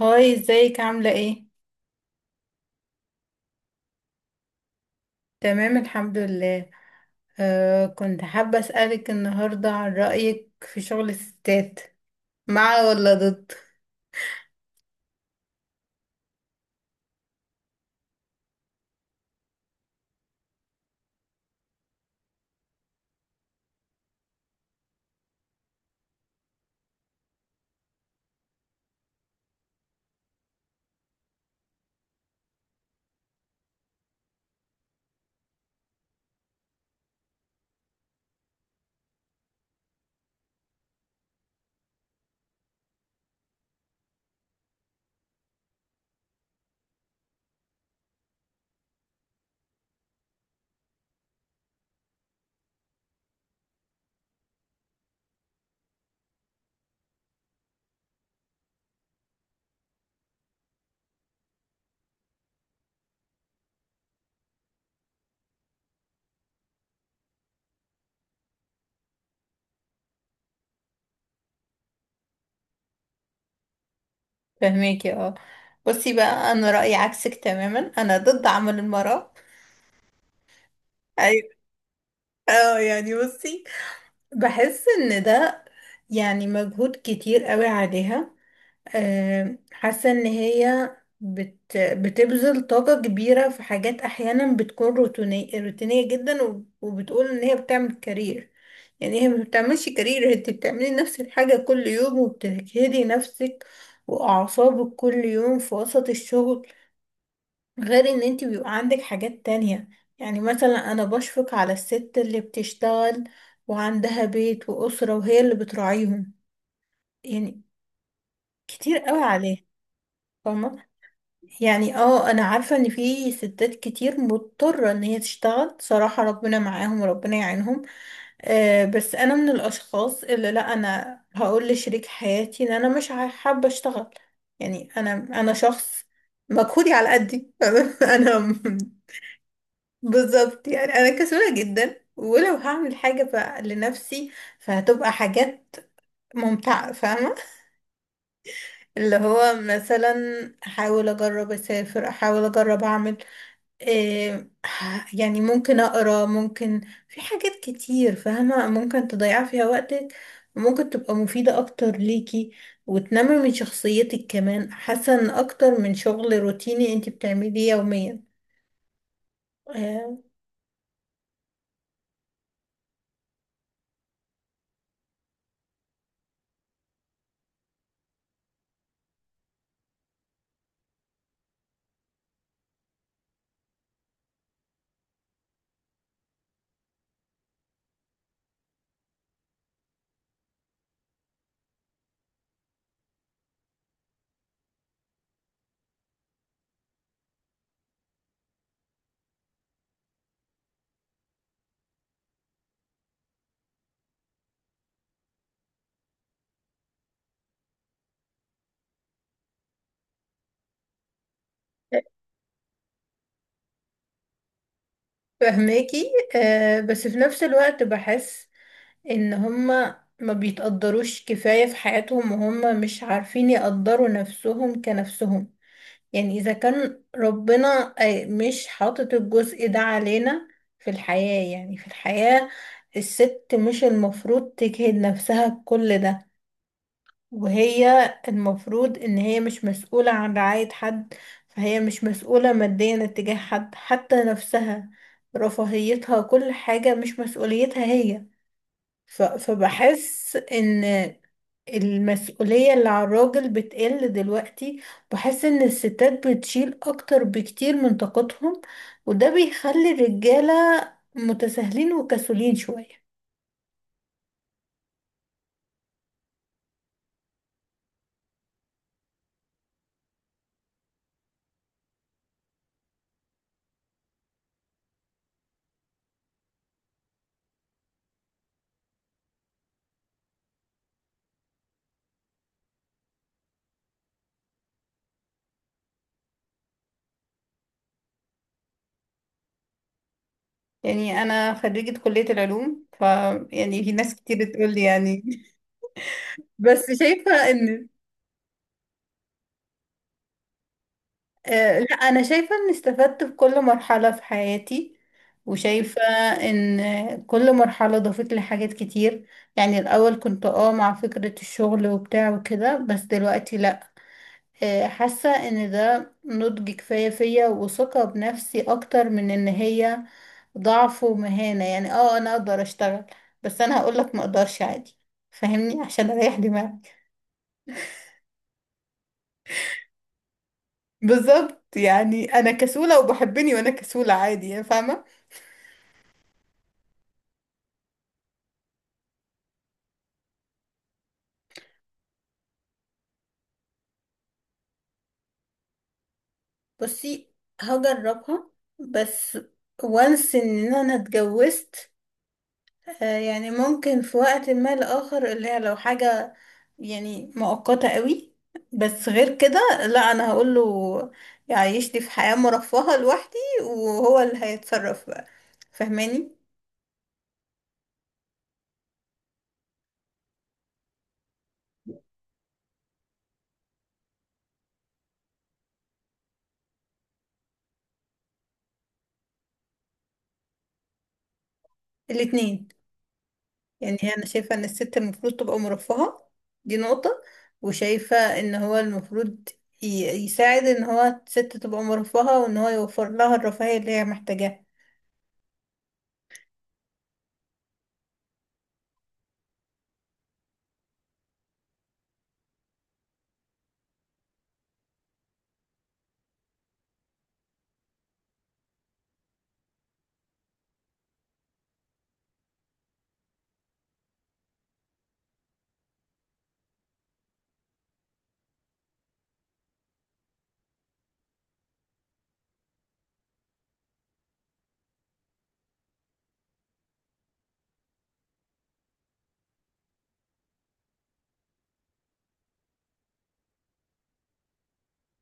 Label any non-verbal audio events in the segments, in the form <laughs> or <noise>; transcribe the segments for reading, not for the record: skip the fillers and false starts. هاي، ازيك؟ عاملة ايه؟ تمام، الحمد لله. آه، كنت حابة أسألك النهاردة عن رأيك في شغل الستات. مع ولا ضد؟ فهميكي. اه، بصي بقى، أنا رأيي عكسك تماما. أنا ضد عمل المرأة. أيوة. اه يعني بصي، بحس إن ده يعني مجهود كتير قوي عليها. حاسة ان هي بتبذل طاقة كبيرة في حاجات احيانا بتكون روتينية روتينية جدا، وبتقول ان هي بتعمل كارير. يعني هي ما بتعملش كارير، انت بتعملي نفس الحاجة كل يوم، وبتجهدي نفسك واعصابك كل يوم في وسط الشغل. غير ان انت بيبقى عندك حاجات تانية. يعني مثلا انا بشفق على الست اللي بتشتغل وعندها بيت وأسرة وهي اللي بتراعيهم، يعني كتير قوي عليها، فاهمة؟ يعني اه، انا عارفة ان في ستات كتير مضطرة ان هي تشتغل، صراحة ربنا معاهم وربنا يعينهم. آه، بس انا من الاشخاص اللي لا، انا هقول لشريك حياتي ان انا مش حابة اشتغل. يعني انا شخص مجهودي على قدي. <laughs> انا م- بالظبط، يعني انا كسولة جدا، ولو هعمل حاجة لنفسي، فهتبقى حاجات ممتعة، فاهمة؟ اللي هو مثلا احاول اجرب اسافر، احاول اجرب اعمل إيه، يعني ممكن أقرأ، ممكن في حاجات كتير فاهمة، ممكن تضيع فيها وقتك، وممكن تبقى مفيدة أكتر ليكي، وتنمي من شخصيتك كمان، أحسن أكتر من شغل روتيني أنت بتعمليه يوميا. آه، فهماكي. آه، بس في نفس الوقت بحس إن هما ما بيتقدروش كفاية في حياتهم، وهم مش عارفين يقدروا نفسهم كنفسهم. يعني إذا كان ربنا آه، مش حاطط الجزء ده علينا في الحياة، يعني في الحياة الست مش المفروض تجهد نفسها بكل ده، وهي المفروض إن هي مش مسؤولة عن رعاية حد. فهي مش مسؤولة ماديا اتجاه حد، حتى نفسها، رفاهيتها، كل حاجة مش مسؤوليتها هي. فبحس إن المسؤولية اللي على الراجل بتقل دلوقتي. بحس ان الستات بتشيل اكتر بكتير من طاقتهم، وده بيخلي الرجالة متساهلين وكسولين شوية. يعني انا خريجة كلية العلوم يعني. في ناس كتير تقول لي يعني. <laughs> بس شايفة ان آه، لا، انا شايفة ان استفدت في كل مرحلة في حياتي، وشايفة ان كل مرحلة ضافت لي حاجات كتير. يعني الاول كنت اه، مع فكرة الشغل وبتاع وكده، بس دلوقتي لا. آه، حاسة ان ده نضج كفاية فيا، وثقة بنفسي اكتر من ان هي ضعف ومهانة. يعني اه، انا اقدر اشتغل، بس انا هقولك ما اقدرش عادي، فاهمني؟ عشان اريح دماغي. بالظبط، يعني انا كسولة وبحبني وانا كسولة عادي، يعني فاهمة. بصي، هجربها بس. وانس ان انا اتجوزت. آه، يعني ممكن في وقت ما لآخر اللي هي لو حاجة يعني مؤقتة قوي. بس غير كده لا، انا هقوله يعيشني في حياة مرفهة لوحدي، وهو اللي هيتصرف بقى، فاهماني؟ الاتنين. يعني هي انا شايفة ان الست المفروض تبقى مرفهة، دي نقطة. وشايفة ان هو المفروض ي- يساعد ان هو الست تبقى مرفهة، وان هو يوفر لها الرفاهية اللي هي محتاجاها.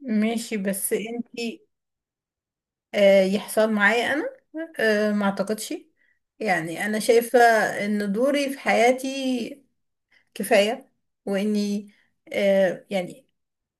ماشي، بس انتي آه، يحصل معايا انا؟ آه، ما اعتقدش. يعني انا شايفة ان دوري في حياتي كفاية، واني آه، يعني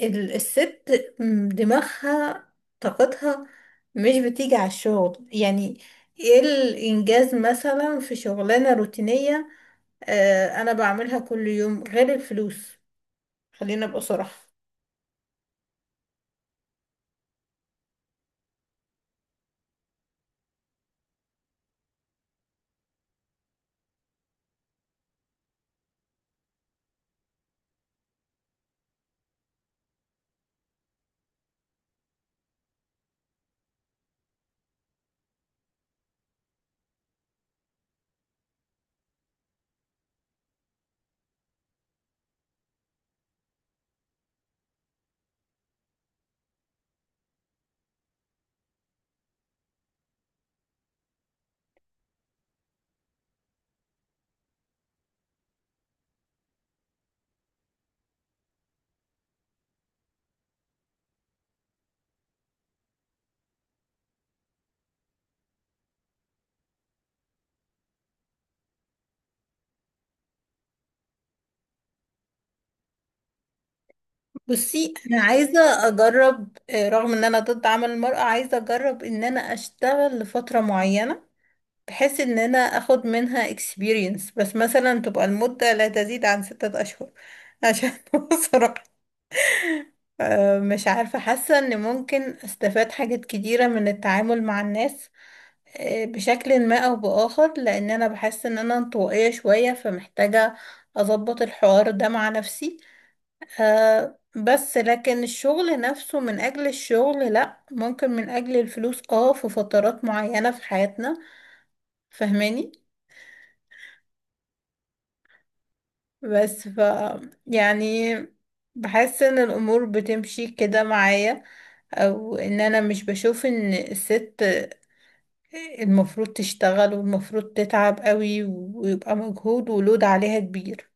الست دماغها، طاقتها، مش بتيجي على الشغل. يعني ايه الانجاز مثلا في شغلانة روتينية آه، انا بعملها كل يوم غير الفلوس؟ خلينا ابقى صراحة. بصي، انا عايزة اجرب، آه، رغم ان انا ضد عمل المرأة، عايزة اجرب ان انا اشتغل لفترة معينة، بحيث ان انا اخد منها experience، بس مثلا تبقى المدة لا تزيد عن 6 اشهر. عشان <laughs> بصراحة آه، مش عارفة، حاسة ان ممكن استفاد حاجات كتيرة من التعامل مع الناس، آه، بشكل ما او باخر، لان انا بحس ان انا انطوائية شوية، فمحتاجة اظبط الحوار ده مع نفسي. آه، بس لكن الشغل نفسه من اجل الشغل لا، ممكن من اجل الفلوس، اه، في فترات معينة في حياتنا، فهماني؟ بس يعني بحس ان الامور بتمشي كده معايا، او ان انا مش بشوف ان الست المفروض تشتغل والمفروض تتعب قوي ويبقى مجهود ولود عليها كبير،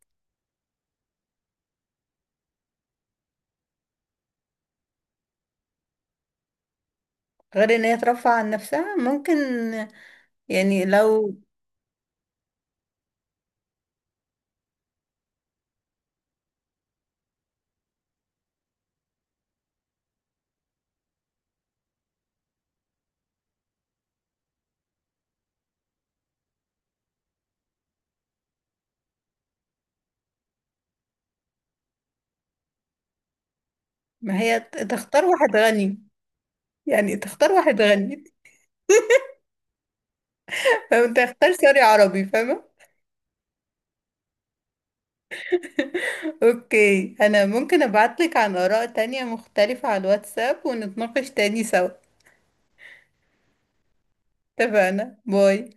غير ان هي ترفع عن نفسها. ممكن، يعني لو، ما هي تختار واحد غني، يعني تختار واحد غني. <laughs> فأنت تختار سوري عربي، فاهمة؟ اوكي، انا ممكن ابعتلك عن اراء تانية مختلفة على الواتساب ونتناقش تاني سوا. اتفقنا، باي.